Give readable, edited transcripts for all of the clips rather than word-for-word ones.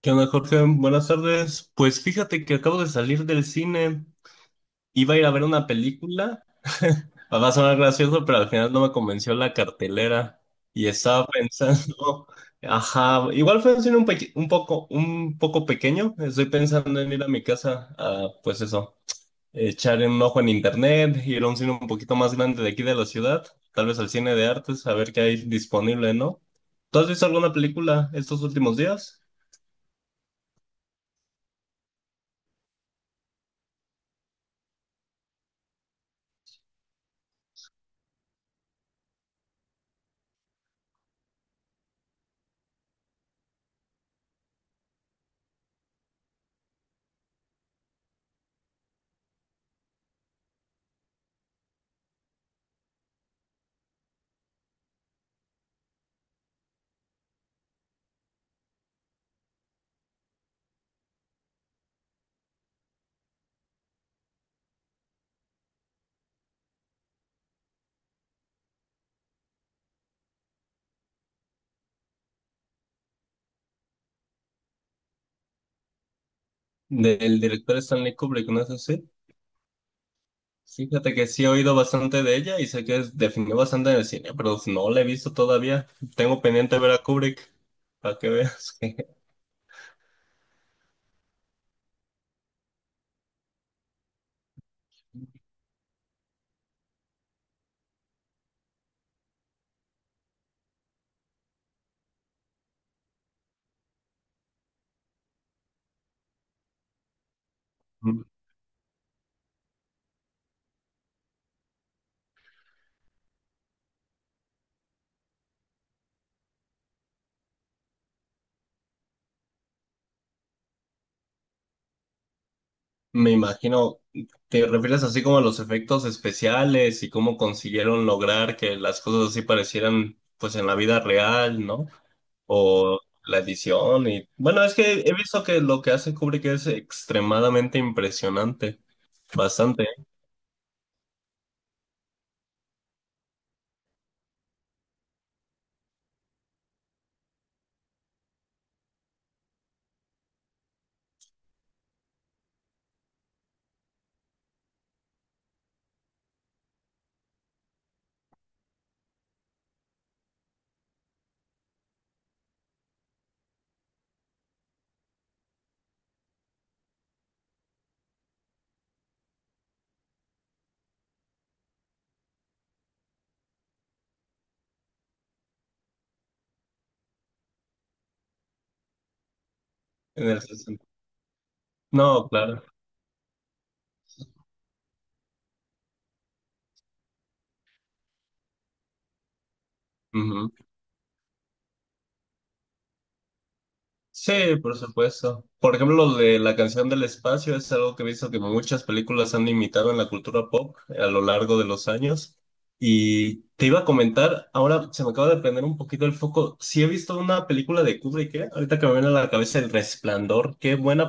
¿Qué onda, Jorge? Buenas tardes. Pues fíjate que acabo de salir del cine. Iba a ir a ver una película. Va a sonar gracioso, pero al final no me convenció la cartelera. Y estaba pensando, ajá, igual fue un cine un poco pequeño. Estoy pensando en ir a mi casa a, pues eso, echar un ojo en internet, ir a un cine un poquito más grande de aquí de la ciudad, tal vez al cine de artes, a ver qué hay disponible, ¿no? ¿Tú has visto alguna película estos últimos días? Del director Stanley Kubrick, ¿no es así? Fíjate que sí he oído bastante de ella y sé que definió bastante en el cine, pero no la he visto todavía. Tengo pendiente ver a Kubrick para que veas. Me imagino, ¿te refieres así como a los efectos especiales y cómo consiguieron lograr que las cosas así parecieran pues en la vida real, ¿no? O la edición y bueno, es que he visto que lo que hace Kubrick es extremadamente impresionante, bastante en el sentido. No, claro. Ujú. Sí, por supuesto. Por ejemplo, lo de la canción del espacio es algo que he visto que muchas películas han imitado en la cultura pop a lo largo de los años. Y te iba a comentar, ahora se me acaba de prender un poquito el foco. Sí he visto una película de Kubrick, ¿eh? Ahorita que me viene a la cabeza El Resplandor. Qué buena.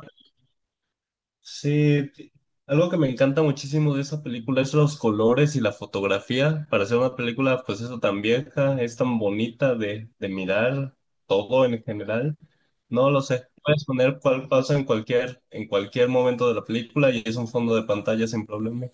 Sí, ti- Algo que me encanta muchísimo de esa película es los colores y la fotografía. Para ser una película, pues eso tan vieja, es tan bonita de mirar todo en general. No lo sé. Puedes poner cuál pasa en cualquier momento de la película y es un fondo de pantalla sin problema.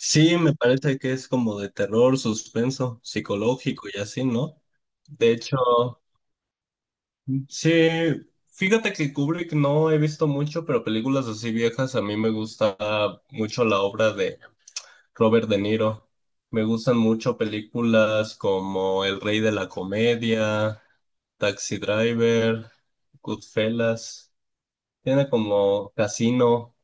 Sí, me parece que es como de terror, suspenso, psicológico y así, ¿no? De hecho. Sí, fíjate que Kubrick no he visto mucho, pero películas así viejas, a mí me gusta mucho la obra de Robert De Niro. Me gustan mucho películas como El Rey de la Comedia, Taxi Driver, Goodfellas. Tiene como Casino.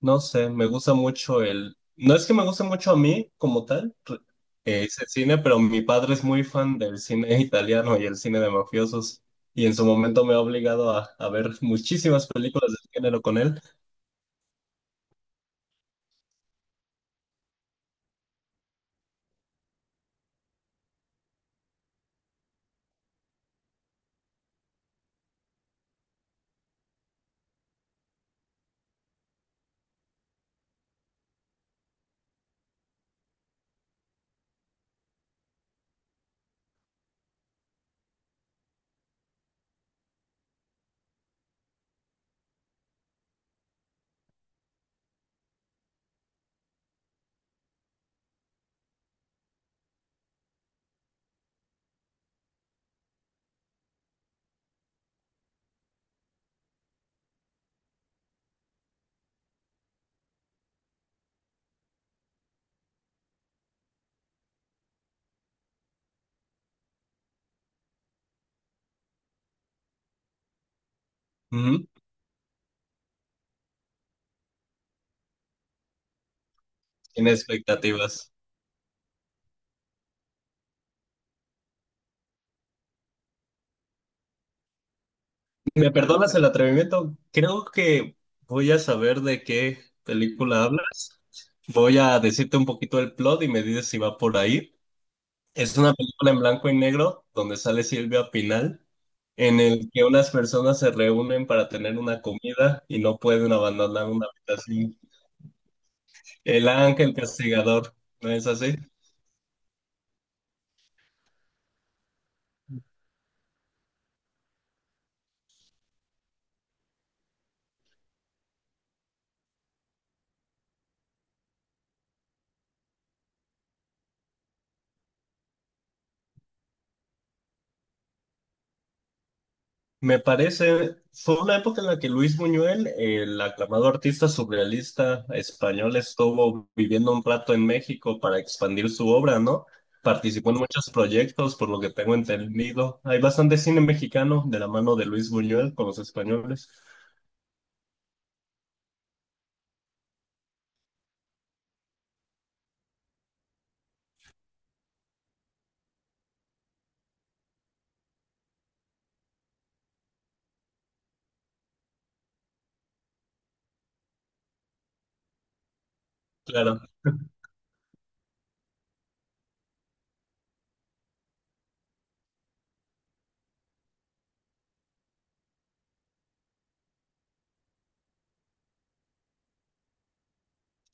No sé, me gusta mucho el... No es que me guste mucho a mí como tal, ese cine, pero mi padre es muy fan del cine italiano y el cine de mafiosos. Y en su momento me ha obligado a ver muchísimas películas del género con él. Ujú, sin expectativas. ¿Me perdonas el atrevimiento? Creo que voy a saber de qué película hablas. Voy a decirte un poquito el plot y me dices si va por ahí. Es una película en blanco y negro donde sale Silvia Pinal, en el que unas personas se reúnen para tener una comida y no pueden abandonar una habitación. El ángel castigador, ¿no es así? Me parece, fue una época en la que Luis Buñuel, el aclamado artista surrealista español, estuvo viviendo un rato en México para expandir su obra, ¿no? Participó en muchos proyectos, por lo que tengo entendido. Hay bastante cine mexicano de la mano de Luis Buñuel con los españoles. Claro.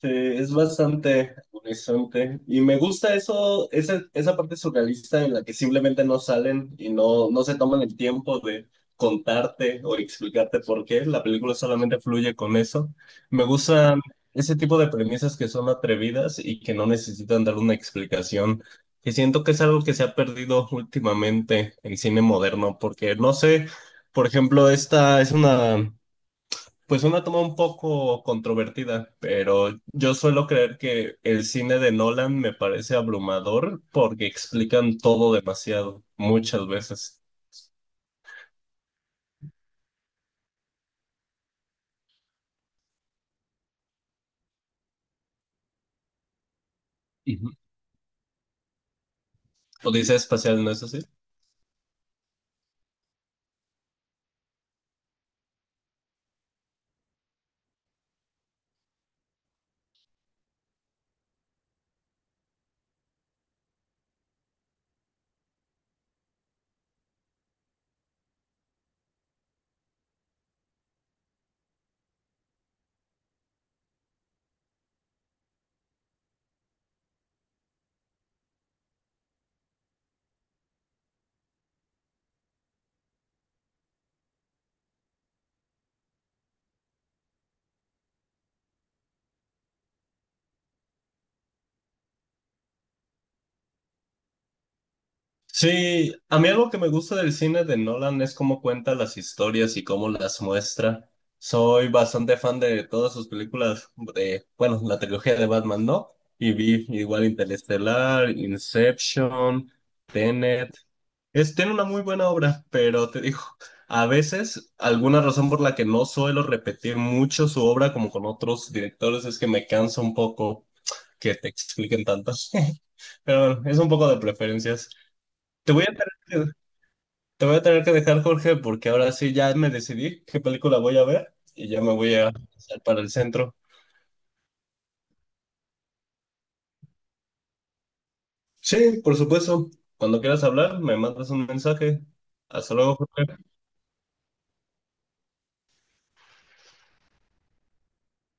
Sí, es bastante agonizante y me gusta eso, esa parte surrealista en la que simplemente no salen y no se toman el tiempo de contarte o explicarte por qué, la película solamente fluye con eso. Me gustan ese tipo de premisas que son atrevidas y que no necesitan dar una explicación, que siento que es algo que se ha perdido últimamente en cine moderno, porque no sé, por ejemplo, esta es una... Pues una toma un poco controvertida, pero yo suelo creer que el cine de Nolan me parece abrumador porque explican todo demasiado, muchas veces. Ujú. Odisea espacial, ¿no es así? Sí, a mí algo que me gusta del cine de Nolan es cómo cuenta las historias y cómo las muestra. Soy bastante fan de todas sus películas, de, bueno, la trilogía de Batman, ¿no? Y vi igual Interestelar, Inception, Tenet. Es, tiene una muy buena obra, pero te digo, a veces alguna razón por la que no suelo repetir mucho su obra como con otros directores es que me cansa un poco que te expliquen tantas. Pero bueno, es un poco de preferencias. Te voy a tener que, te voy a tener que dejar, Jorge, porque ahora sí ya me decidí qué película voy a ver y ya me voy a pasar para el centro. Sí, por supuesto. Cuando quieras hablar, me mandas un mensaje. Hasta luego, Jorge.